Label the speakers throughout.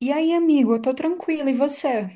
Speaker 1: E aí, amigo, eu tô tranquila, e você?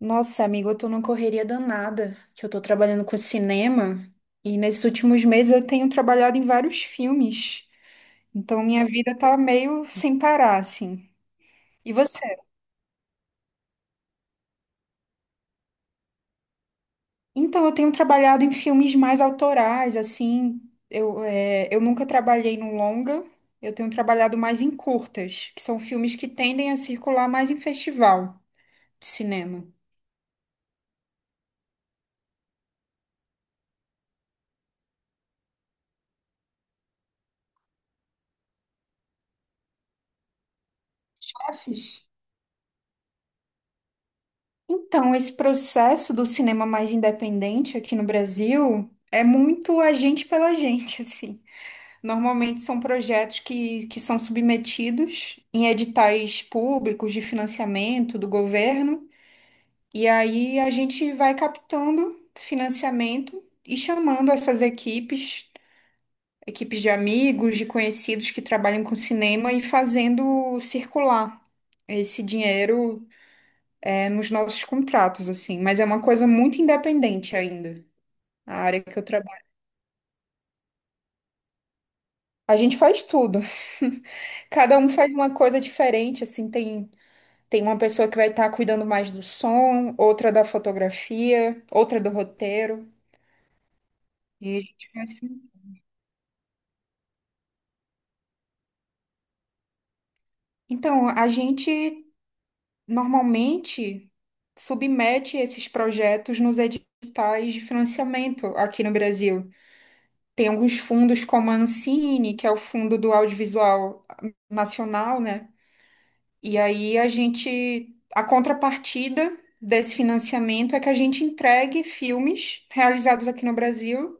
Speaker 1: Nossa, amigo, eu tô numa correria danada, que eu tô trabalhando com cinema, e nesses últimos meses eu tenho trabalhado em vários filmes, então minha vida tá meio sem parar, assim. E você? Então, eu tenho trabalhado em filmes mais autorais, assim, eu nunca trabalhei no longa, eu tenho trabalhado mais em curtas, que são filmes que tendem a circular mais em festival de cinema. Afins. Então, esse processo do cinema mais independente aqui no Brasil é muito a gente pela gente, assim. Normalmente são projetos que são submetidos em editais públicos de financiamento do governo, e aí a gente vai captando financiamento e chamando essas equipes, equipes de amigos, de conhecidos que trabalham com cinema e fazendo circular esse dinheiro é nos nossos contratos, assim, mas é uma coisa muito independente ainda, a área que eu trabalho. A gente faz tudo. Cada um faz uma coisa diferente, assim, tem, tem uma pessoa que vai estar cuidando mais do som, outra da fotografia, outra do roteiro. E a gente faz... Então, a gente normalmente submete esses projetos nos editais de financiamento aqui no Brasil. Tem alguns fundos como a Ancine, que é o Fundo do Audiovisual Nacional, né? E aí a gente, a contrapartida desse financiamento é que a gente entregue filmes realizados aqui no Brasil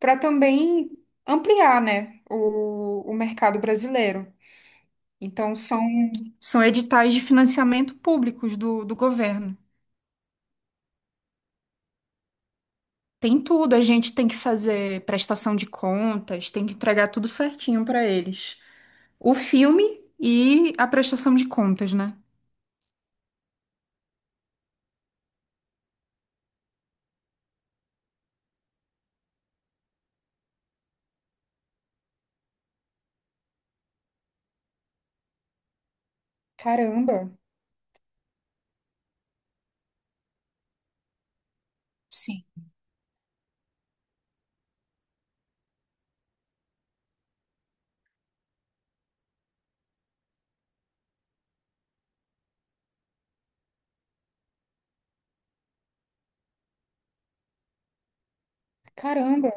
Speaker 1: para também ampliar, né, o mercado brasileiro. Então são, são editais de financiamento públicos do governo. Tem tudo, a gente tem que fazer prestação de contas, tem que entregar tudo certinho para eles. O filme e a prestação de contas, né? Caramba, sim. Caramba,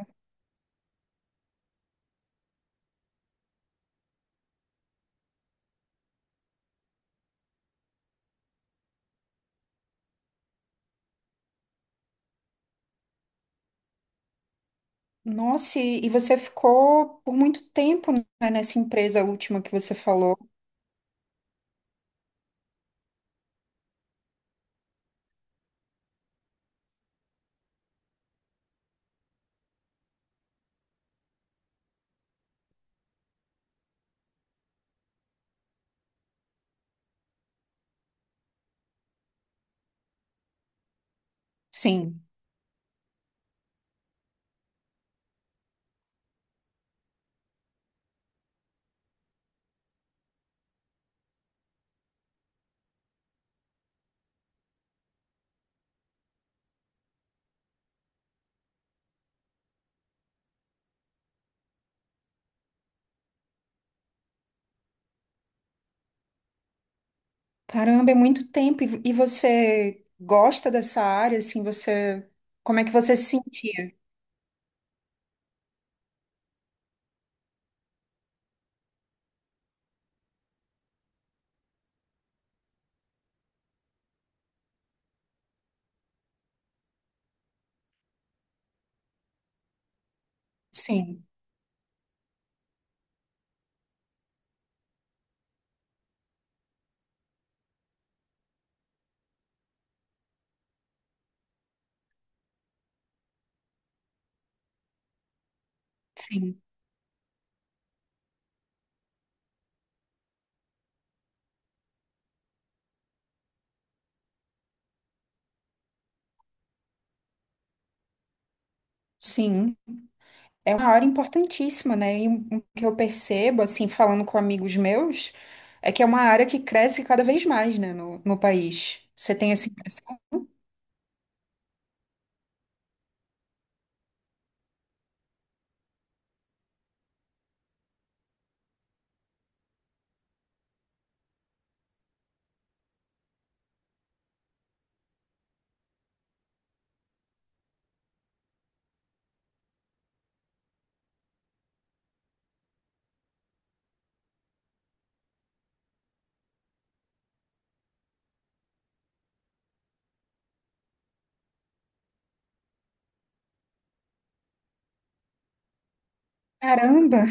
Speaker 1: nossa, e você ficou por muito tempo, né, nessa empresa última que você falou. Sim. Caramba, é muito tempo. E você gosta dessa área, assim, você, como é que você se sentia? Sim, sim, sim. É uma área importantíssima, né? E o que eu percebo, assim, falando com amigos meus, é que é uma área que cresce cada vez mais, né, no, no país. Você tem essa impressão? Caramba!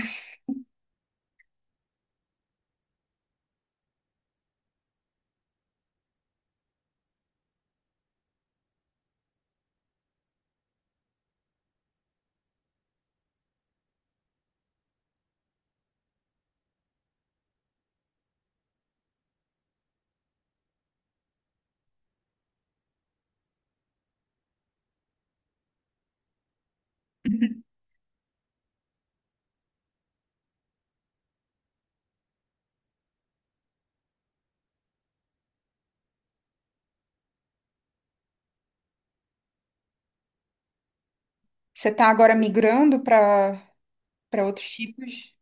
Speaker 1: Você está agora migrando para para outros tipos?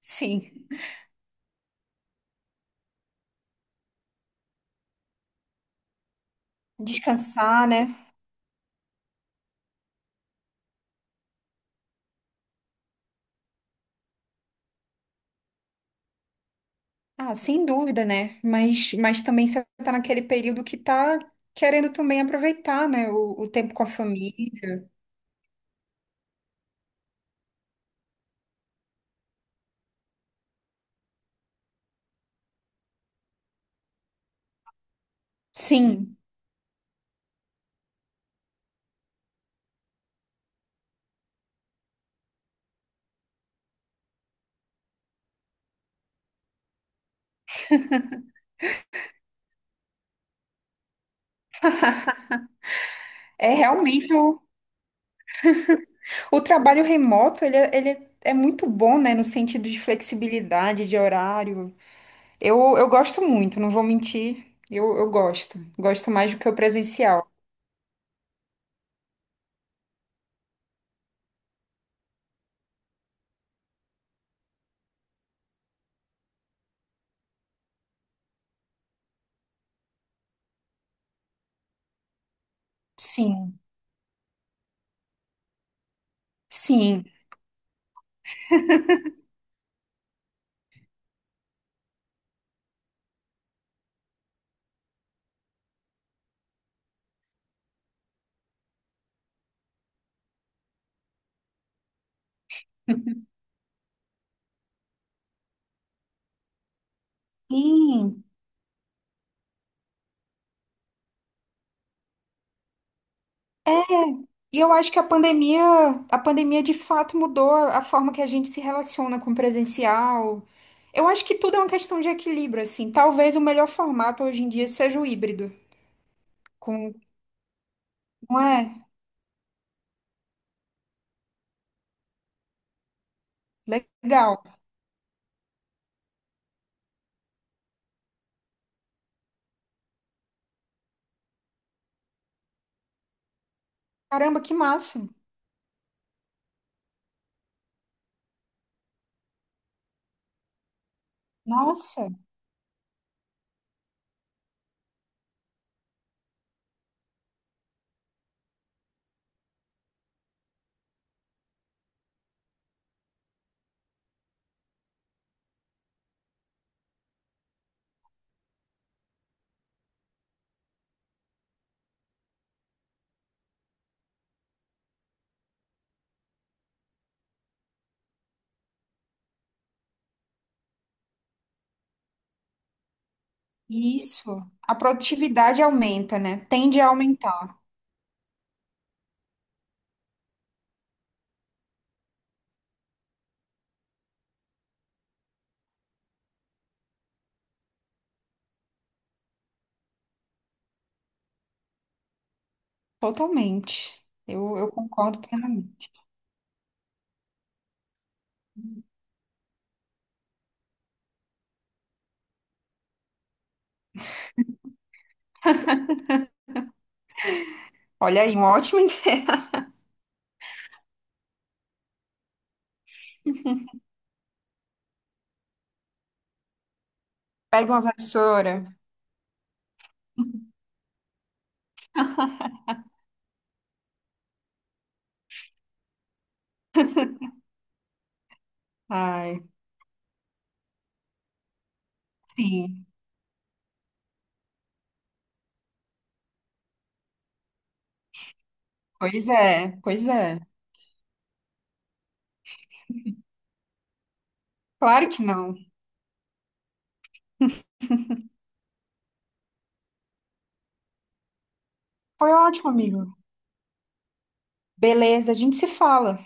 Speaker 1: Sim. Descansar, né? Ah, sem dúvida, né? Mas também você está naquele período que está querendo também aproveitar, né? O tempo com a família. Sim. É realmente um. O trabalho remoto, ele, é- ele é muito bom, né? No sentido de flexibilidade, de horário. Eu gosto muito, não vou mentir. Eu gosto. Gosto mais do que o presencial. Sim. Sim. Sim. E eu acho que a pandemia de fato mudou a forma que a gente se relaciona com o presencial. Eu acho que tudo é uma questão de equilíbrio, assim. Talvez o melhor formato hoje em dia seja o híbrido. Com... Não é? Legal. Caramba, que massa. Nossa. Isso. A produtividade aumenta, né? Tende a aumentar totalmente. Eu concordo plenamente. Olha aí, um ótimo. Pega uma vassoura. Ai, sim. Pois é, pois é. Claro que não. Foi ótimo, amigo. Beleza, a gente se fala.